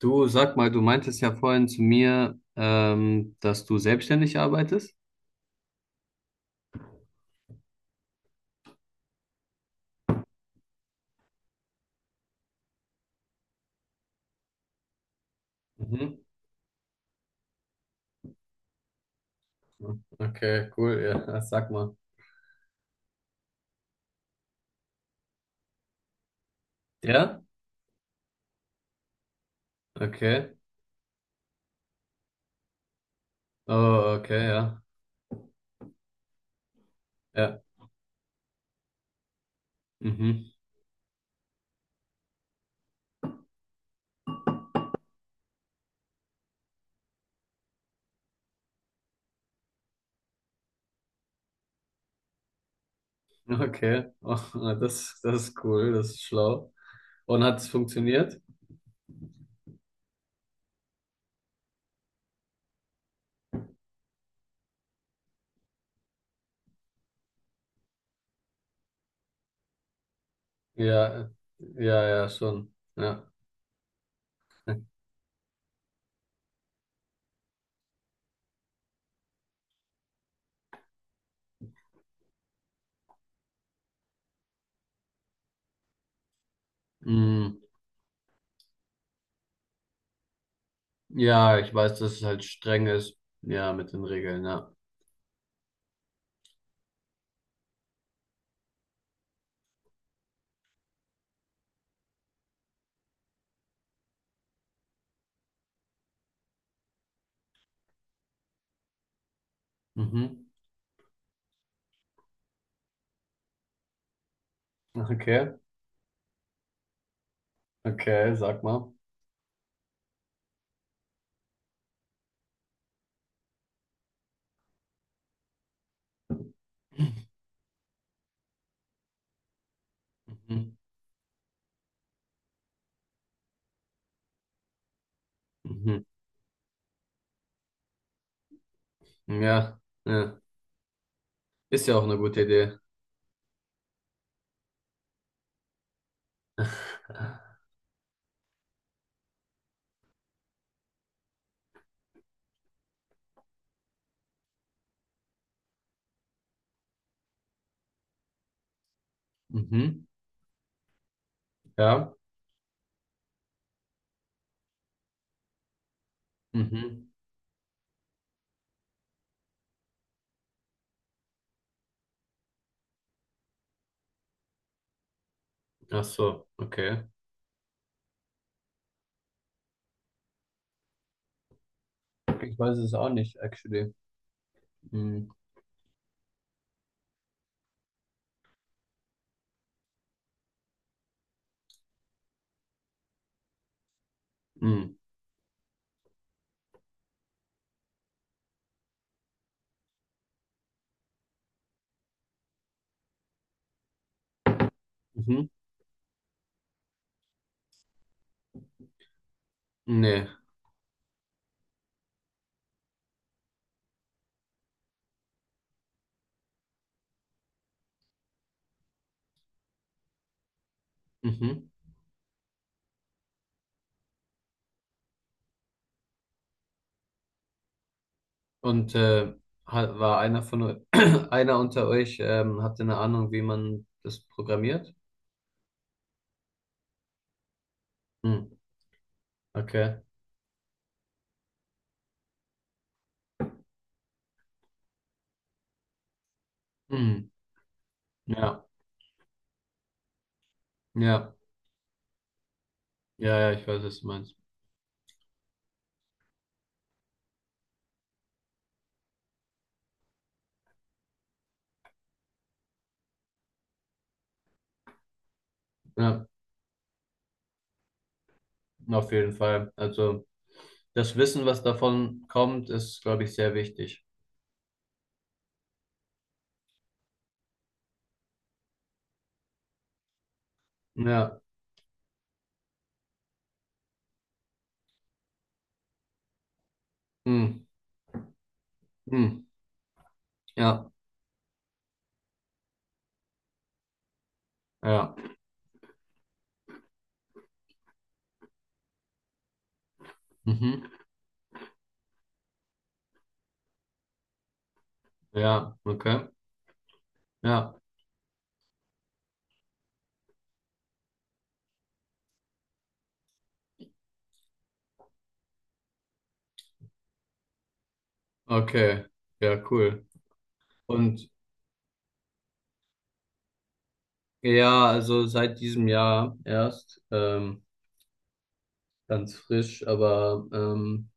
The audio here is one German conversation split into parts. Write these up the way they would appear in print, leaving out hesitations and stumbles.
Du sag mal, du meintest ja vorhin zu mir, dass du selbstständig arbeitest. Mhm. Okay, cool, ja, sag mal. Ja? Okay. Oh, okay, ja. Ja. Mhm. Okay. Oh, das ist cool, das ist schlau. Und hat es funktioniert? Ja, ja, ja, schon. Ja. Mm. Ja, ich weiß, dass es halt streng ist. Ja, mit den Regeln, ja. Mhm. Okay, okay, sag mal. Mhm. Mhm. Ja, ja. Ist ja auch eine gute Idee. Mhm. Ja. Mhm. Ach so, okay. Ich weiß es auch nicht, actually. Mhm. Mhm. Mhm. Nee. Mhm. Und war einer von einer unter euch, habt ihr eine Ahnung, wie man das programmiert? Mhm. Okay. Mhm. Ja. Ja. Ja, ja, ich weiß, was du meinst. Ja, auf jeden Fall. Also das Wissen, was davon kommt, ist, glaube ich, sehr wichtig. Ja. Hm. Hm. Ja. Ja. Mhm. Ja, okay. Ja. Okay. Ja, cool. Und ja, also seit diesem Jahr erst, ganz frisch, aber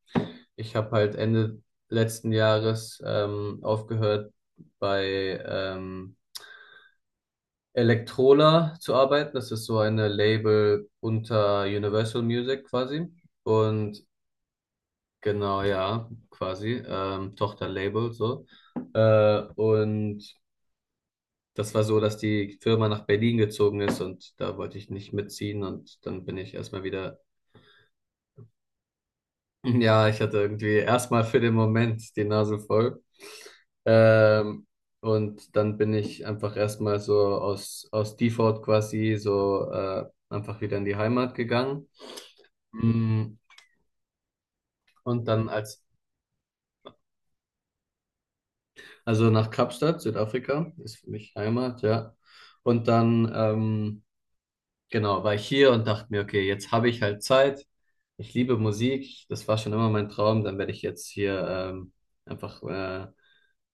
ich habe halt Ende letzten Jahres aufgehört bei Electrola zu arbeiten. Das ist so eine Label unter Universal Music quasi. Und genau, ja, quasi, Tochterlabel so. Und das war so, dass die Firma nach Berlin gezogen ist und da wollte ich nicht mitziehen und dann bin ich erstmal wieder. Ja, ich hatte irgendwie erstmal für den Moment die Nase voll. Ähm, und dann bin ich einfach erstmal so aus Default quasi so einfach wieder in die Heimat gegangen. Mm, und also nach Kapstadt, Südafrika, ist für mich Heimat, ja. Und dann genau, war ich hier und dachte mir, okay, jetzt habe ich halt Zeit. Ich liebe Musik. Das war schon immer mein Traum. Dann werde ich jetzt hier einfach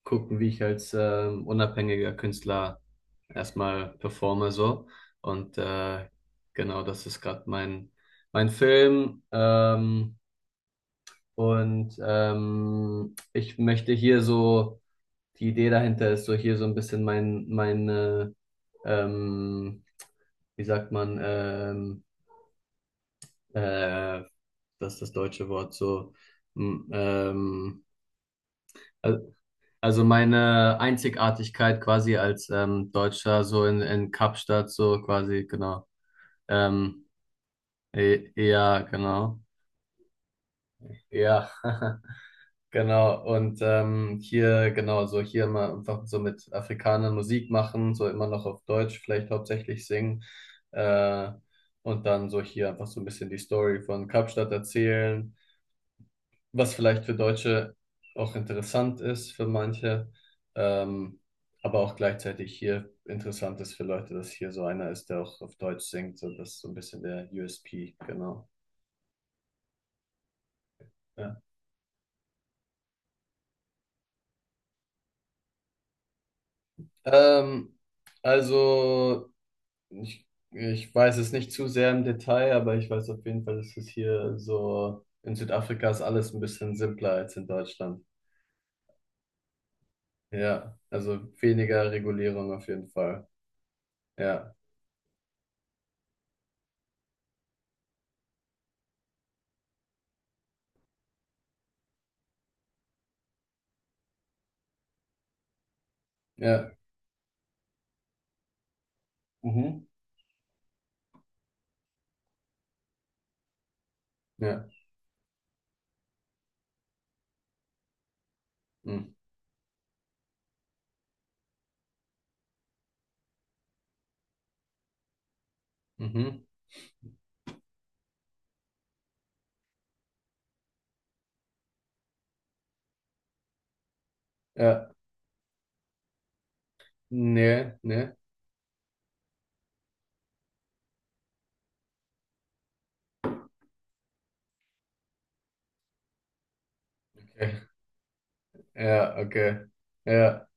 gucken, wie ich als unabhängiger Künstler erstmal performe so. Und genau, das ist gerade mein Film. Ich möchte hier so, die Idee dahinter ist so hier so ein bisschen meine, ähm, wie sagt man, äh, das ist das deutsche Wort so. m- Ähm, al- also meine Einzigartigkeit quasi als Deutscher so in Kapstadt so quasi, genau. Ähm, ja, genau. Ja, genau. Und hier, genau, so hier mal einfach so mit Afrikanern Musik machen, so immer noch auf Deutsch vielleicht hauptsächlich singen. Äh, und dann so hier einfach so ein bisschen die Story von Kapstadt erzählen, was vielleicht für Deutsche auch interessant ist für manche, ähm, aber auch gleichzeitig hier interessant ist für Leute, dass hier so einer ist, der auch auf Deutsch singt. So, das ist so ein bisschen der USP, genau. Ja. Ähm, also, ich weiß es nicht zu sehr im Detail, aber ich weiß auf jeden Fall, dass es hier so in Südafrika ist alles ein bisschen simpler als in Deutschland. Ja, also weniger Regulierung auf jeden Fall. Ja, ja, mhm. Ja. Mhm. Mhm. Ja, nee, nee. Okay. Ja, okay. Ja.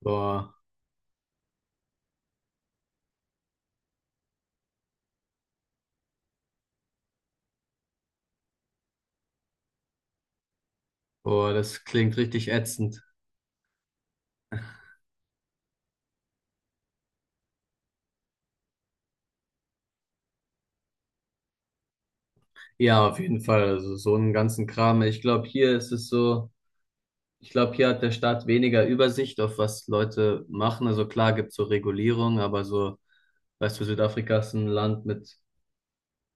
Boah, Boah, das klingt richtig ätzend. Ja, auf jeden Fall. Also so einen ganzen Kram. Ich glaube, hier ist es so, ich glaube, hier hat der Staat weniger Übersicht auf was Leute machen. Also klar gibt's so Regulierung, aber so, weißt du, Südafrika ist ein Land mit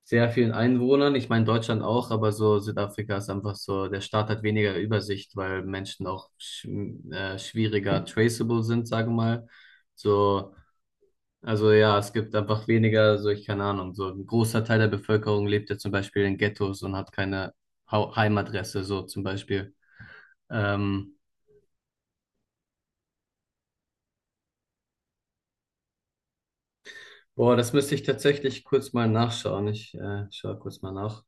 sehr vielen Einwohnern. Ich meine Deutschland auch, aber so Südafrika ist einfach so, der Staat hat weniger Übersicht, weil Menschen auch schwieriger traceable sind, sage mal. So. Also ja, es gibt einfach weniger, so ich keine Ahnung, so ein großer Teil der Bevölkerung lebt ja zum Beispiel in Ghettos und hat keine Heimadresse, so zum Beispiel. Ähm, Boah, das müsste ich tatsächlich kurz mal nachschauen. Ich schaue kurz mal nach.